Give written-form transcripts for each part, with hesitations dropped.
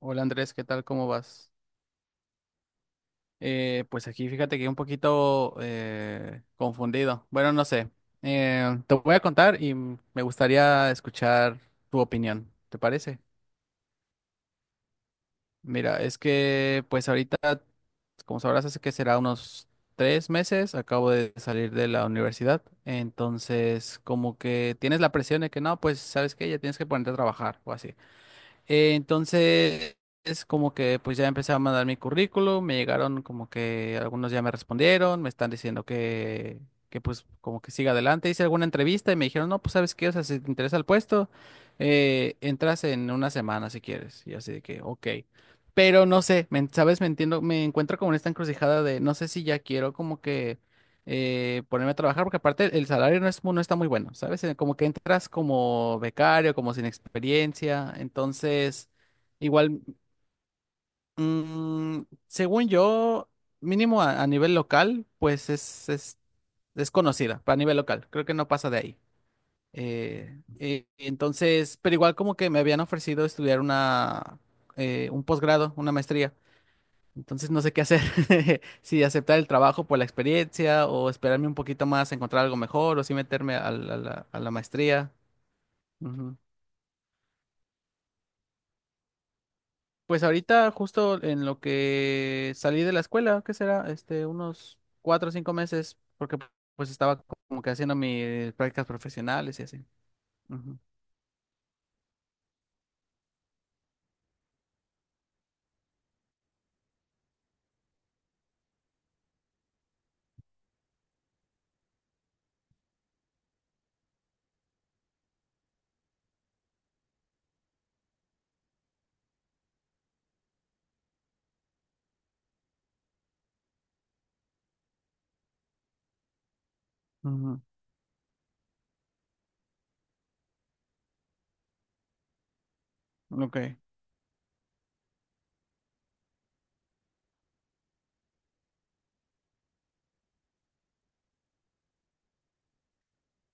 Hola Andrés, ¿qué tal? ¿Cómo vas? Pues aquí fíjate que un poquito confundido. Bueno, no sé. Te voy a contar y me gustaría escuchar tu opinión. ¿Te parece? Mira, es que pues ahorita, como sabrás, hace que será unos 3 meses, acabo de salir de la universidad. Entonces, como que tienes la presión de que no, pues sabes que ya tienes que ponerte a trabajar o así. Eh, entonces, es como que pues ya empecé a mandar mi currículum, me llegaron como que algunos ya me respondieron, me están diciendo que pues como que siga adelante. Hice alguna entrevista y me dijeron, no, pues sabes qué, o sea, si te interesa el puesto, entras en una semana si quieres. Y así de que, ok. Pero no sé, sabes, me entiendo, me encuentro como en esta encrucijada de no sé si ya quiero como que ponerme a trabajar, porque aparte el salario no es, no está muy bueno, ¿sabes? Como que entras como becario, como sin experiencia, entonces igual, mm, según yo, mínimo a nivel local, pues es conocida, para nivel local, creo que no pasa de ahí. Pero igual como que me habían ofrecido estudiar una, un posgrado, una maestría. Entonces no sé qué hacer, si aceptar el trabajo por la experiencia o esperarme un poquito más a encontrar algo mejor o si meterme a la, a la maestría. Ujú. Pues ahorita justo en lo que salí de la escuela, ¿qué será? Este, unos 4 o 5 meses, porque pues estaba como que haciendo mis prácticas profesionales y así. Ujú, ujú. Ok.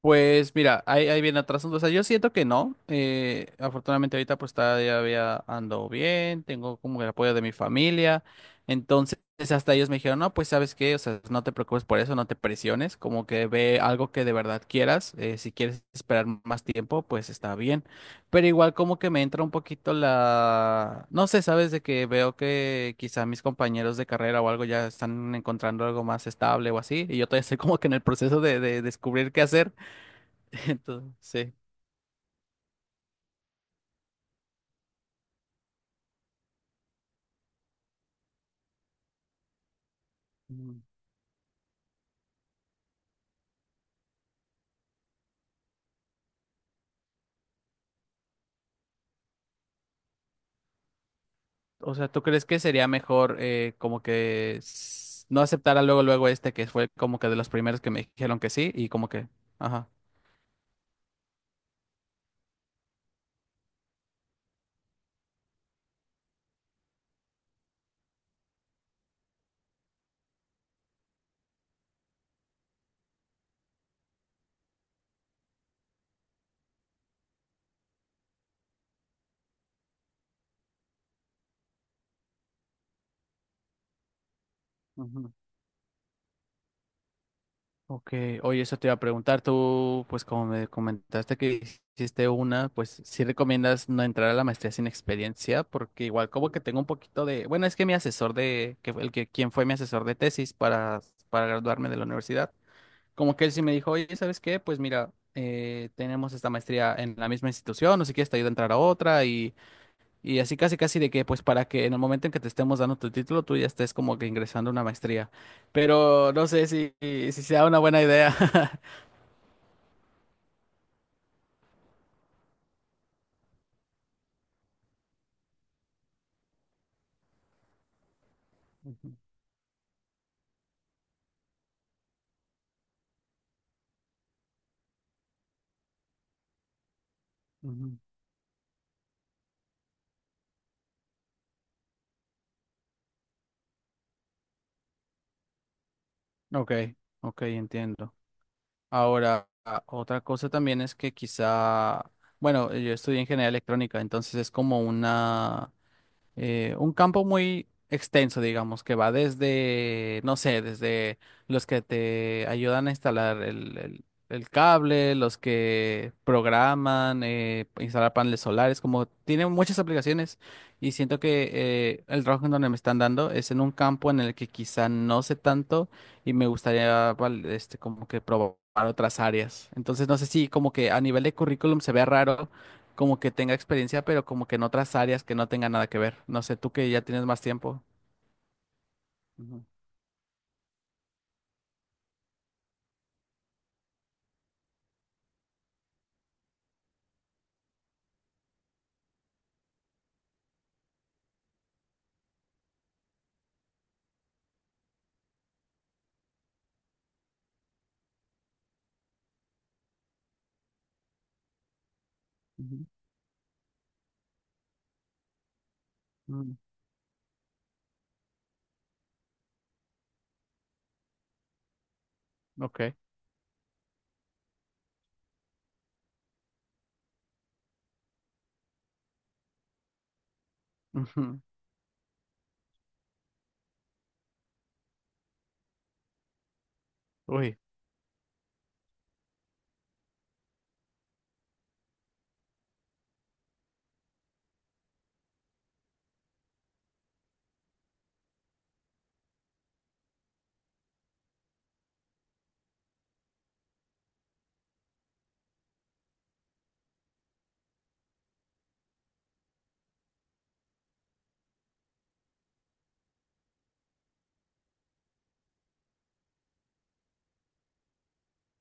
Pues mira, ahí viene atrás. O sea, yo siento que no. Afortunadamente ahorita pues todavía ando bien, tengo como el apoyo de mi familia. Entonces hasta ellos me dijeron, no, pues sabes qué, o sea, no te preocupes por eso, no te presiones, como que ve algo que de verdad quieras. Si quieres esperar más tiempo, pues está bien. Pero igual como que me entra un poquito la... No sé, sabes, de que veo que quizá mis compañeros de carrera o algo ya están encontrando algo más estable o así, y yo todavía estoy como que en el proceso de descubrir qué hacer. Entonces, sí. mm, o sea, ¿tú crees que sería mejor como que no aceptara luego, luego este que fue como que de los primeros que me dijeron que sí y como que, ajá. Ujú. Ok, oye, eso te iba a preguntar, tú, pues como me comentaste que hiciste una, pues sí recomiendas no entrar a la maestría sin experiencia, porque igual como que tengo un poquito de, bueno, es que mi asesor de, que fue el que, quien fue mi asesor de tesis para graduarme de la universidad, como que él sí me dijo, oye, ¿sabes qué? Pues mira, tenemos esta maestría en la misma institución, no sé quieres te ayuda a entrar a otra y así casi casi de que pues para que en el momento en que te estemos dando tu título tú ya estés como que ingresando a una maestría. Pero no sé si, si sea una buena idea. Ujú, ujú. Ok, ok, entiendo. Ahora, otra cosa también es que quizá, bueno, yo estudié ingeniería electrónica, entonces es como una... un campo muy extenso, digamos, que va desde, no sé, desde los que te ayudan a instalar el, el cable, los que programan, instalar paneles solares, como tiene muchas aplicaciones y siento que el trabajo en donde me están dando es en un campo en el que quizá no sé tanto y me gustaría, este, como que probar otras áreas. Entonces, no sé si como que a nivel de currículum se ve raro como que tenga experiencia, pero como que en otras áreas que no tenga nada que ver. No sé, tú que ya tienes más tiempo. Ujú, ujú, mm, Ok. Ujú, Uy.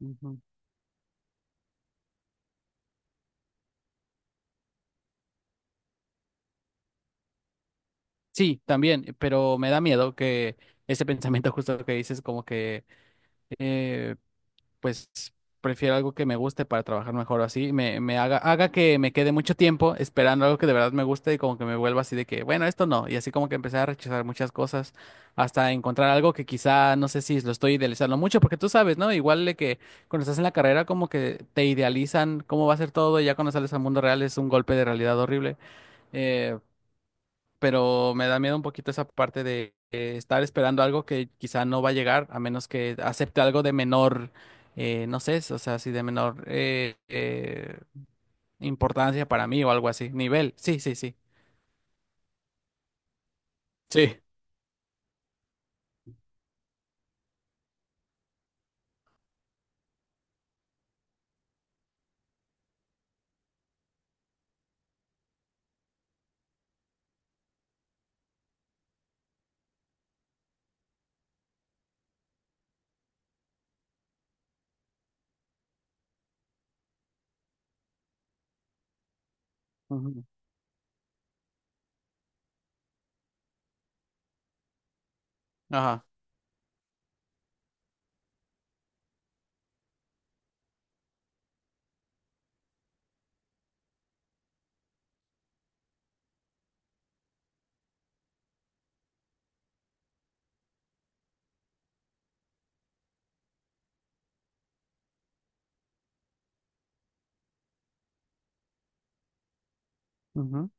Ujú. Sí, también, pero me da miedo que ese pensamiento justo que dices, como que eh, pues prefiero algo que me guste para trabajar mejor así, me haga, haga que me quede mucho tiempo esperando algo que de verdad me guste y como que me vuelva así de que, bueno, esto no, y así como que empecé a rechazar muchas cosas hasta encontrar algo que quizá, no sé si lo estoy idealizando mucho, porque tú sabes, ¿no? Igual de que cuando estás en la carrera como que te idealizan cómo va a ser todo y ya cuando sales al mundo real es un golpe de realidad horrible. Eh, pero me da miedo un poquito esa parte de estar esperando algo que quizá no va a llegar, a menos que acepte algo de menor, no sé, o sea, si de menor importancia para mí o algo así, nivel, sí, sí, sí. Sí. Ujú. Ajá. Ujú.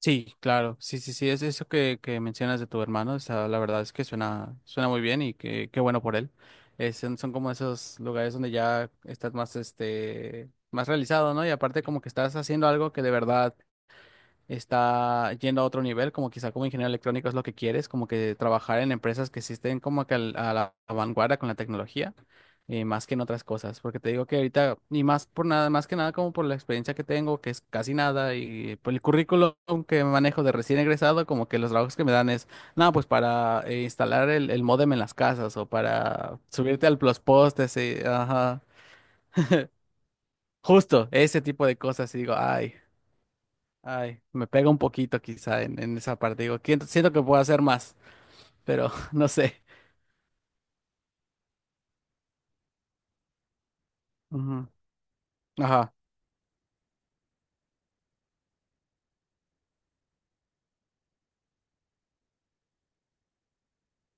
Sí, claro, sí, sí, sí, es eso que mencionas de tu hermano, o sea, la verdad es que suena, suena muy bien y que, qué bueno por él. Son, son como esos lugares donde ya estás más, este, más realizado, ¿no? Y aparte como que estás haciendo algo que de verdad está yendo a otro nivel, como quizá como ingeniero electrónico es lo que quieres, como que trabajar en empresas que sí estén como que a la vanguardia con la tecnología, más que en otras cosas, porque te digo que ahorita, y más por nada, más que nada como por la experiencia que tengo, que es casi nada, y por el currículum que manejo de recién egresado, como que los trabajos que me dan es, no, pues para instalar el, módem en las casas o para subirte al los postes, sí, ajá. Justo, ese tipo de cosas, y digo, ay. Ay, me pega un poquito quizá en esa parte. Digo, Siento que puedo hacer más, pero no sé. Ujú. Ajá,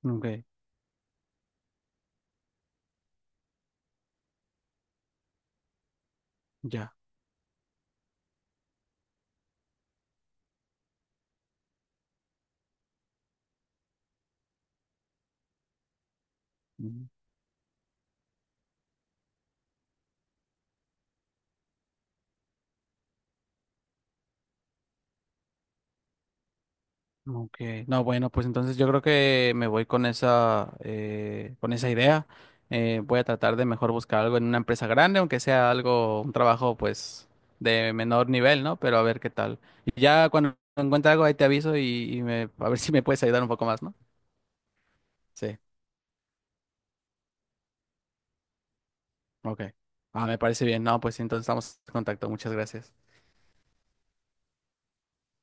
ok, ya. Mm, Ok, no, bueno, pues entonces yo creo que me voy con esa idea. Voy a tratar de mejor buscar algo en una empresa grande, aunque sea algo, un trabajo pues de menor nivel, ¿no? Pero a ver qué tal. Y ya cuando encuentre algo ahí te aviso y, a ver si me puedes ayudar un poco más, ¿no? Sí, ok. Ah, me parece bien. No, pues entonces estamos en contacto. Muchas gracias.